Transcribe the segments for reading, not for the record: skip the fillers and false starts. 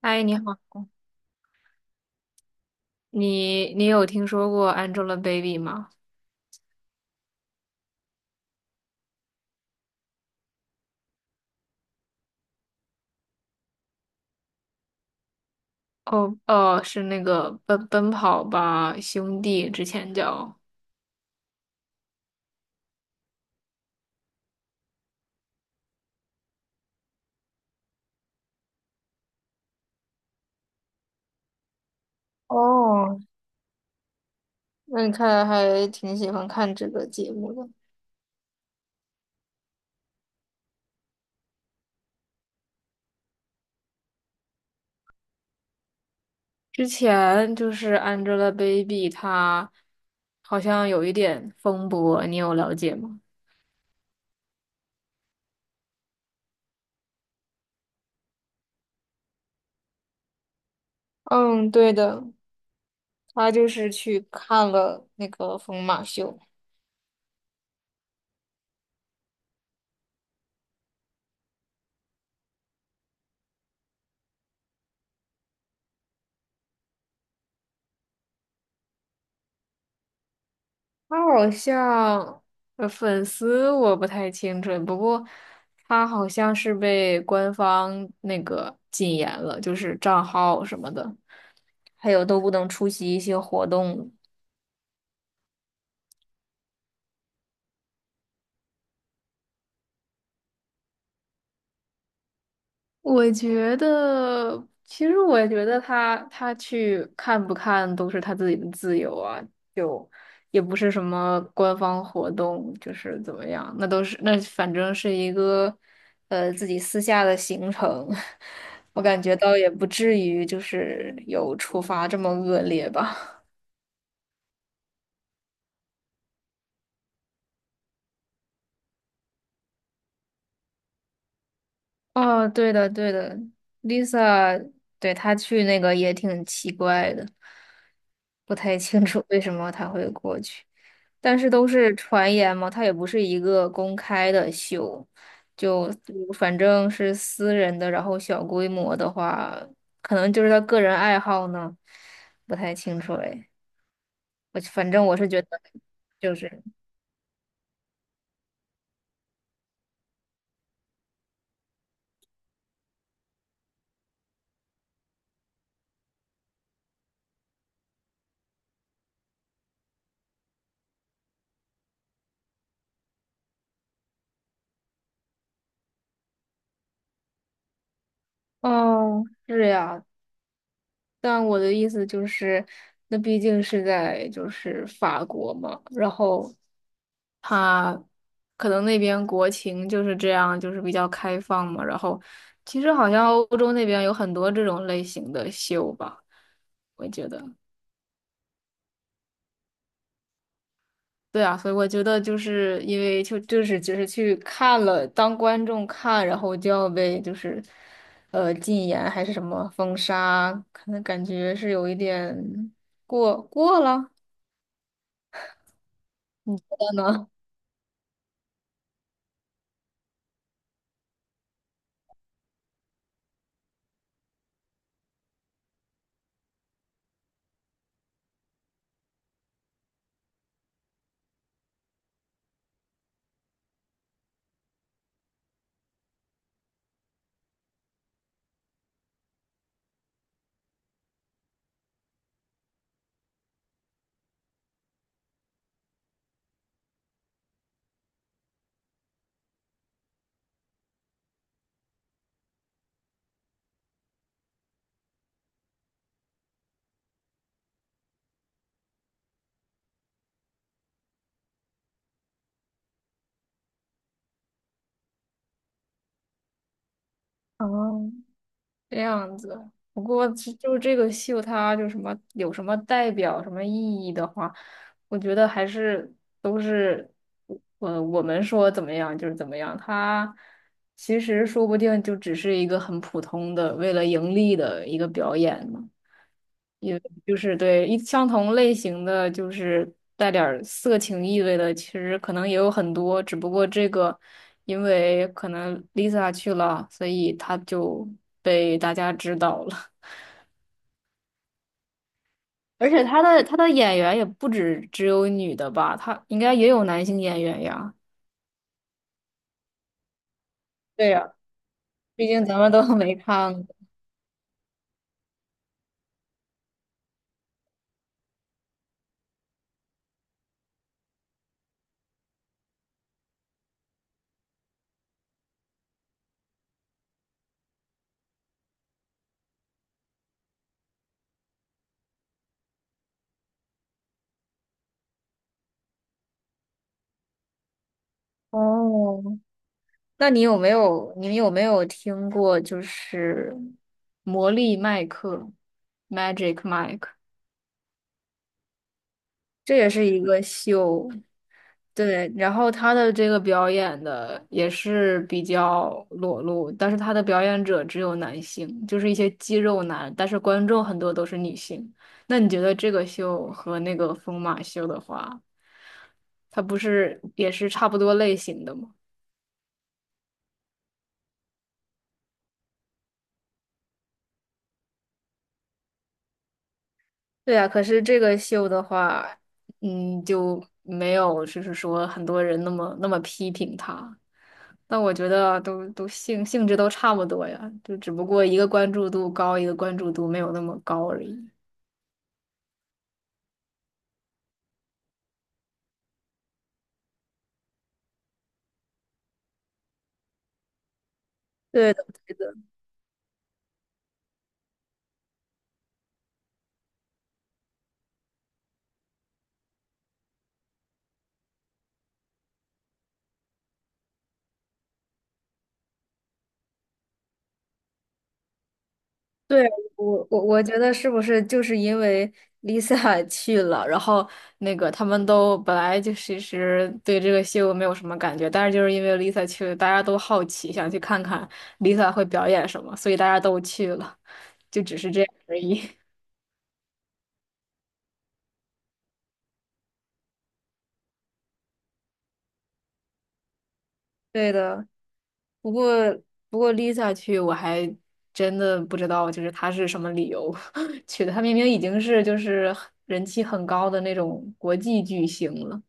嗨，你好，你有听说过 Angelababy 吗？哦哦，是那个奔跑吧兄弟，之前叫，哦，那你看来还挺喜欢看这个节目的。之前就是 Angelababy，她好像有一点风波，你有了解吗？嗯，对的，她就是去看了那个疯马秀。他好像呃粉丝我不太清楚，不过他好像是被官方那个禁言了，就是账号什么的，还有都不能出席一些活动。我觉得，其实我觉得他去看不看都是他自己的自由啊，就也不是什么官方活动，就是怎么样，那都是那反正是一个自己私下的行程，我感觉倒也不至于就是有处罚这么恶劣吧。哦，对的对的，Lisa，对，他去那个也挺奇怪的，不太清楚为什么他会过去。但是都是传言嘛，它也不是一个公开的秀，就反正是私人的，然后小规模的话，可能就是他个人爱好呢，不太清楚哎。我反正我是觉得，就是哦，是呀，但我的意思就是，那毕竟是在就是法国嘛，然后他可能那边国情就是这样，就是比较开放嘛。然后其实好像欧洲那边有很多这种类型的秀吧，我觉得。对啊，所以我觉得就是因为就是只是去看了当观众看，然后就要被就是禁言还是什么封杀，可能感觉是有一点过了，可能。哦，这样子。不过就这个秀，它就什么有什么代表、什么意义的话，我觉得还是都是，我们说怎么样就是怎么样。它其实说不定就只是一个很普通的为了盈利的一个表演呢。也就是相同类型的，就是带点儿色情意味的，其实可能也有很多，只不过这个因为可能 Lisa 去了，所以她就被大家知道了。而且她的演员也不止只有女的吧，她应该也有男性演员呀。对呀，毕竟咱们都 没看过。哦，那你们有没有听过就是魔力麦克 （Magic Mike）？这也是一个秀，对。然后他的这个表演的也是比较裸露，但是他的表演者只有男性，就是一些肌肉男，但是观众很多都是女性。那你觉得这个秀和那个疯马秀的话，它不是也是差不多类型的吗？对呀，可是这个秀的话，嗯，就没有就是说很多人那么批评他，但我觉得都性质都差不多呀，就只不过一个关注度高，一个关注度没有那么高而已。对的，对的。对，我觉得是不是就是因为 Lisa 去了，然后那个他们都本来就其实对这个秀没有什么感觉，但是就是因为 Lisa 去了，大家都好奇，想去看看 Lisa 会表演什么，所以大家都去了，就只是这样而已。对的，不过不过 Lisa 去我还真的不知道，就是她是什么理由 去的，她明明已经是就是人气很高的那种国际巨星了。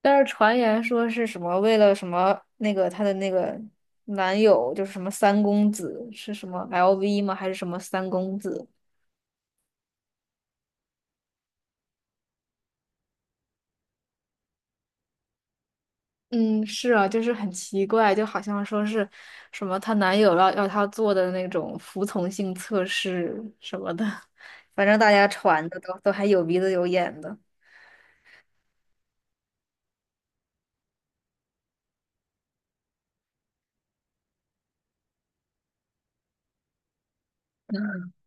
但是传言说是什么为了什么那个她的那个男友就是什么三公子是什么 LV 吗？还是什么三公子？嗯，是啊，就是很奇怪，就好像说是什么她男友要她做的那种服从性测试什么的，反正大家传的都还有鼻子有眼的。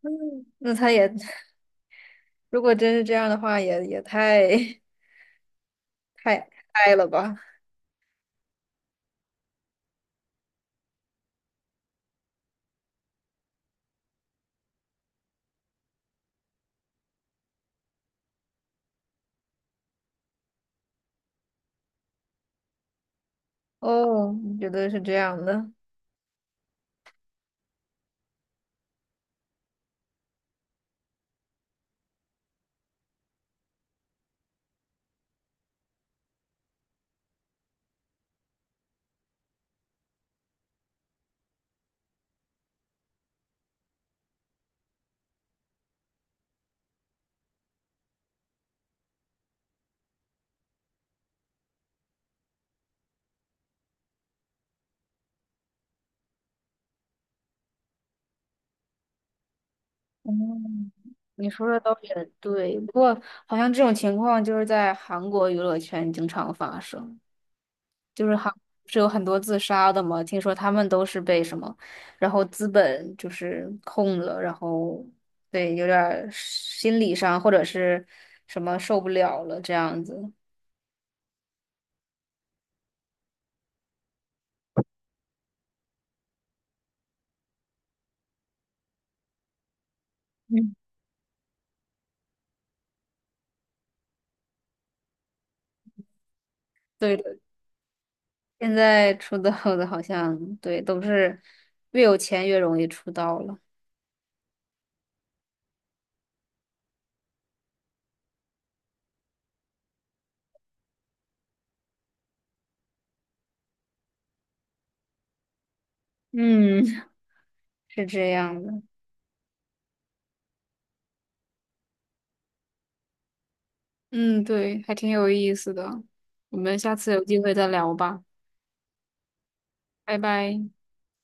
嗯，那她也 如果真是这样的话，也太 太了吧？哦，你觉得是这样的？嗯，你说的倒也对，不过好像这种情况就是在韩国娱乐圈经常发生，就是韩是有很多自杀的嘛，听说他们都是被什么，然后资本就是控了，然后对，有点儿心理上或者是什么受不了了这样子。嗯，对的，现在出道的好像对都是越有钱越容易出道了。嗯，是这样的。嗯，对，还挺有意思的。我们下次有机会再聊吧，拜拜。